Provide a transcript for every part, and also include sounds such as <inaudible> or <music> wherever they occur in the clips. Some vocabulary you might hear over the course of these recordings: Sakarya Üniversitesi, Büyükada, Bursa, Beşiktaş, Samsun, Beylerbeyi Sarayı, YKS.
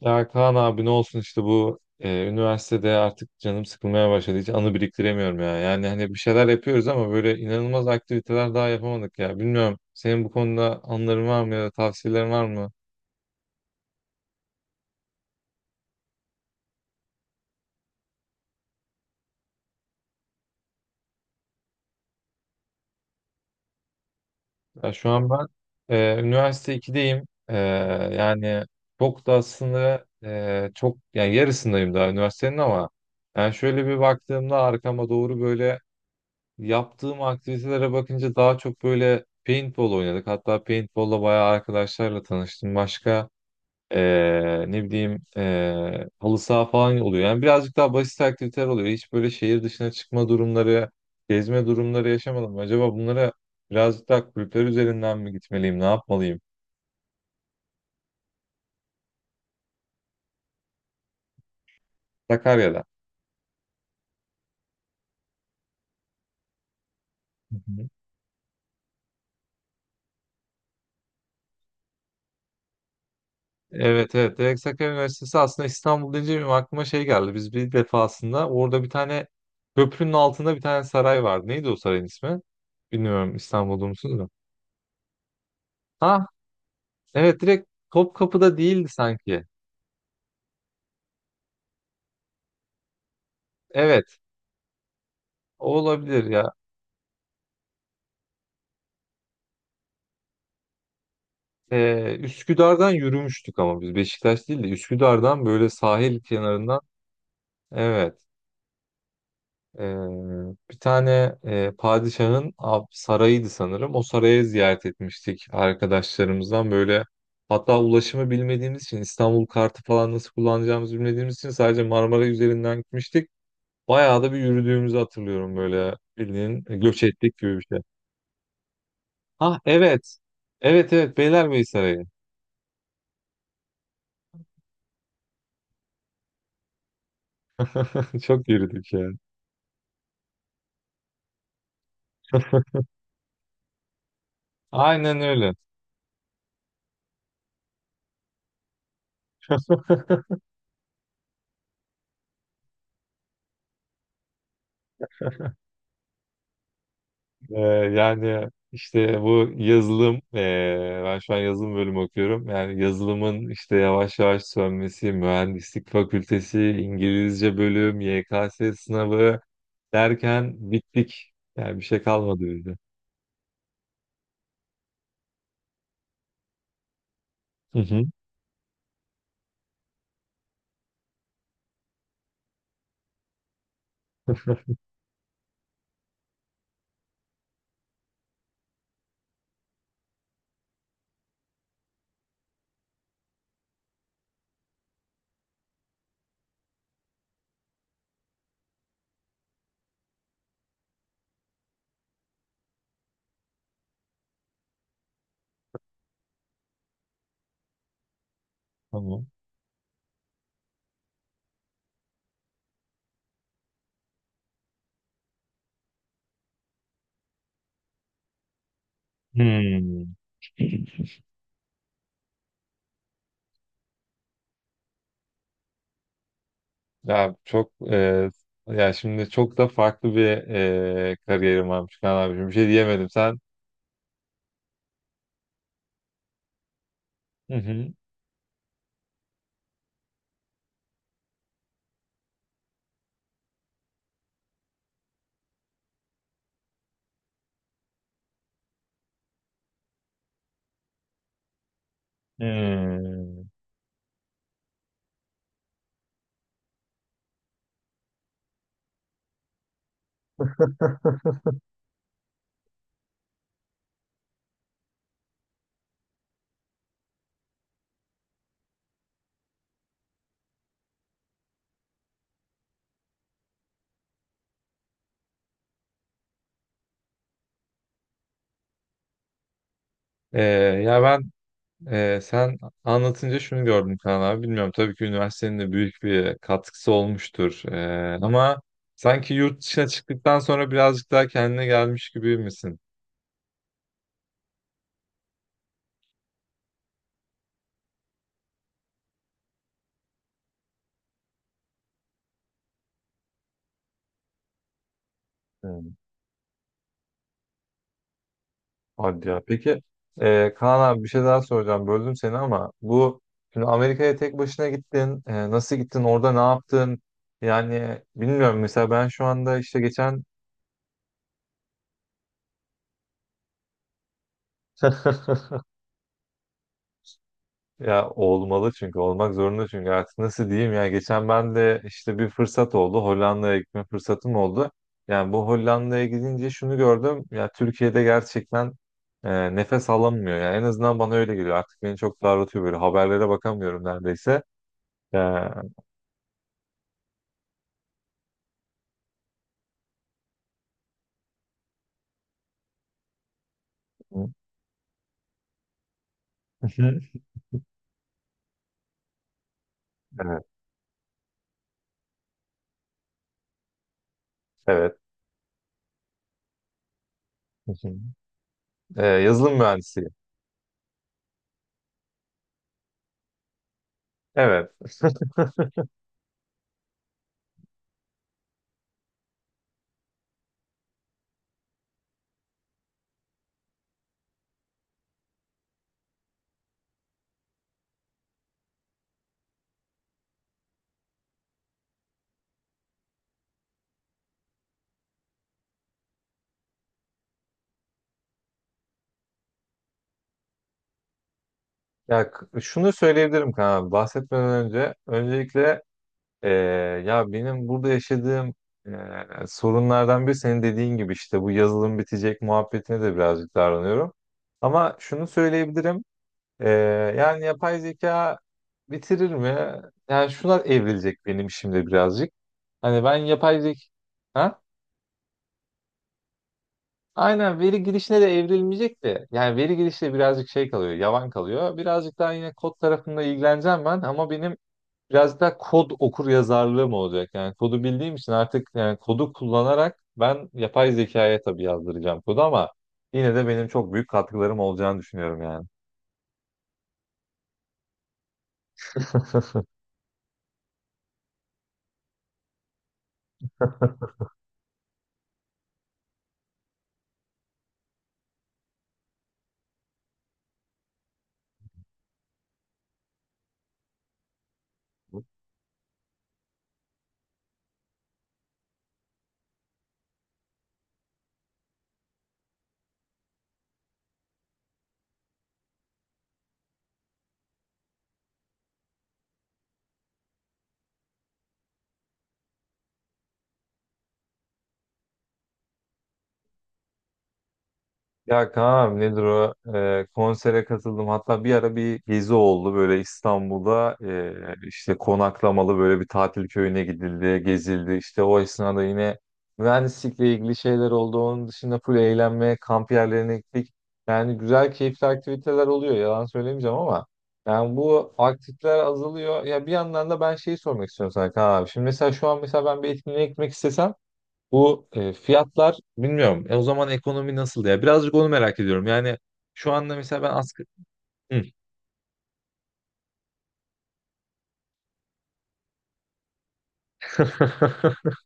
Ya Kaan abi ne olsun işte üniversitede artık canım sıkılmaya başladı. Hiç anı biriktiremiyorum ya. Yani hani bir şeyler yapıyoruz ama böyle inanılmaz aktiviteler daha yapamadık ya. Bilmiyorum senin bu konuda anıların var mı ya da tavsiyelerin var mı? Ya şu an ben üniversite ikideyim. Yani çok da aslında çok yani yarısındayım daha üniversitenin, ama yani şöyle bir baktığımda arkama doğru, böyle yaptığım aktivitelere bakınca daha çok böyle paintball oynadık. Hatta paintball'la bayağı arkadaşlarla tanıştım. Başka ne bileyim, halı saha falan oluyor. Yani birazcık daha basit aktiviteler oluyor. Hiç böyle şehir dışına çıkma durumları, gezme durumları yaşamadım. Acaba bunlara birazcık daha kulüpler üzerinden mi gitmeliyim, ne yapmalıyım? Sakarya'da. Evet, evet. Direkt Sakarya Üniversitesi. Aslında İstanbul deyince benim aklıma şey geldi. Biz bir defasında orada bir tane köprünün altında bir tane saray vardı. Neydi o sarayın ismi? Bilmiyorum, İstanbul'da musunuz da. Ha evet, direkt Topkapı'da değildi sanki. Evet, o olabilir ya. Üsküdar'dan yürümüştük ama biz, Beşiktaş değil de Üsküdar'dan, böyle sahil kenarından. Evet. Ee, Bir tane padişahın sarayıydı sanırım. O sarayı ziyaret etmiştik arkadaşlarımızdan böyle. Hatta ulaşımı bilmediğimiz için, İstanbul kartı falan nasıl kullanacağımızı bilmediğimiz için sadece Marmara üzerinden gitmiştik. Bayağı da bir yürüdüğümüzü hatırlıyorum, böyle bildiğin göç ettik gibi bir şey. Ah evet. Evet evet, Beylerbeyi Sarayı. <laughs> Çok yürüdük yani. Aynen öyle. <laughs> Yani işte bu yazılım, ben şu an yazılım bölümü okuyorum. Yani yazılımın işte yavaş yavaş sönmesi, mühendislik fakültesi, İngilizce bölüm, YKS sınavı derken bittik. Yani bir şey kalmadı bizde. Hı hı. <laughs> Tamam. Hmm. Ya çok ya şimdi çok da farklı bir kariyerim varmış Kaan abiciğim. Bir şey diyemedim sen. Hı hı. Hmm. E, ya ben, sen anlatınca şunu gördüm Kaan abi. Bilmiyorum, tabii ki üniversitenin de büyük bir katkısı olmuştur. Ama sanki yurt dışına çıktıktan sonra birazcık daha kendine gelmiş gibi misin? Hmm. Hadi ya. Peki Kaan abi bir şey daha soracağım. Böldüm seni ama bu şimdi, Amerika'ya tek başına gittin. E, nasıl gittin? Orada ne yaptın? Yani bilmiyorum. Mesela ben şu anda işte geçen... Ya olmalı, çünkü olmak zorunda, çünkü artık nasıl diyeyim, ya geçen ben de işte bir fırsat oldu, Hollanda'ya gitme fırsatım oldu. Yani bu Hollanda'ya gidince şunu gördüm ya, Türkiye'de gerçekten nefes alamıyor, yani en azından bana öyle geliyor, artık beni çok daraltıyor, böyle haberlere bakamıyorum neredeyse. Ya, <laughs> evet, evet. E, yazılım mühendisi. Evet. Şunu söyleyebilirim Kaan abi, bahsetmeden önce öncelikle Ee, ya benim burada yaşadığım sorunlardan biri, senin dediğin gibi işte bu yazılım bitecek muhabbetine de birazcık davranıyorum. Ama şunu söyleyebilirim. Ee, Yani yapay zeka bitirir mi? Yani şuna evrilecek benim şimdi birazcık. Hani ben yapay zeka... Ha? Aynen, veri girişine de evrilmeyecek de. Yani veri girişte birazcık şey kalıyor, yavan kalıyor. Birazcık daha yine kod tarafında ilgileneceğim ben, ama benim biraz da kod okur yazarlığı mı olacak? Yani kodu bildiğim için, artık yani kodu kullanarak ben yapay zekaya tabii yazdıracağım kodu ama yine de benim çok büyük katkılarım olacağını düşünüyorum yani. Ya Kaan nedir o? Konsere katıldım. Hatta bir ara bir gezi oldu böyle, İstanbul'da işte konaklamalı böyle bir tatil köyüne gidildi, gezildi. İşte o esnada yine mühendislikle ilgili şeyler oldu. Onun dışında full eğlenme, kamp yerlerine gittik. Yani güzel, keyifli aktiviteler oluyor. Yalan söylemeyeceğim ama yani bu aktifler azalıyor. Ya bir yandan da ben şeyi sormak istiyorum sana Kaan abi. Şimdi mesela şu an, mesela ben bir etkinliğe gitmek istesem bu fiyatlar bilmiyorum. E, o zaman ekonomi nasıl ya? Birazcık onu merak ediyorum. Yani şu anda mesela ben asgari... Hı. <laughs>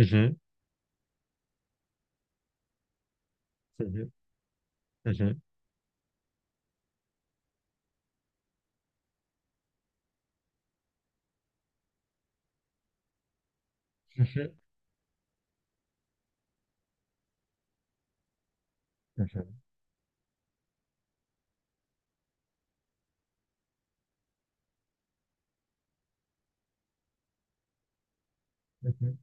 Hı hı, hı hı, hı hı, hı hı, hı hı, hı hı.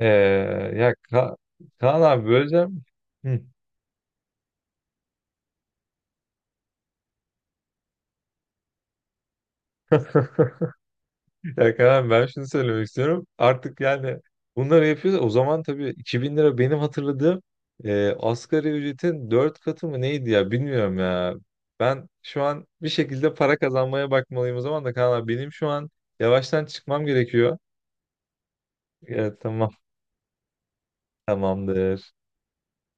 Ee, ya Ka Kaan abi, böleceğim. Hı. <laughs> Ya Kaan, ben şunu söylemek istiyorum. Artık yani bunları yapıyoruz. O zaman tabii 2.000 lira, benim hatırladığım asgari ücretin 4 katı mı neydi ya, bilmiyorum ya. Ben şu an bir şekilde para kazanmaya bakmalıyım o zaman da Kaan abi. Benim şu an yavaştan çıkmam gerekiyor. Evet tamam, tamamdır.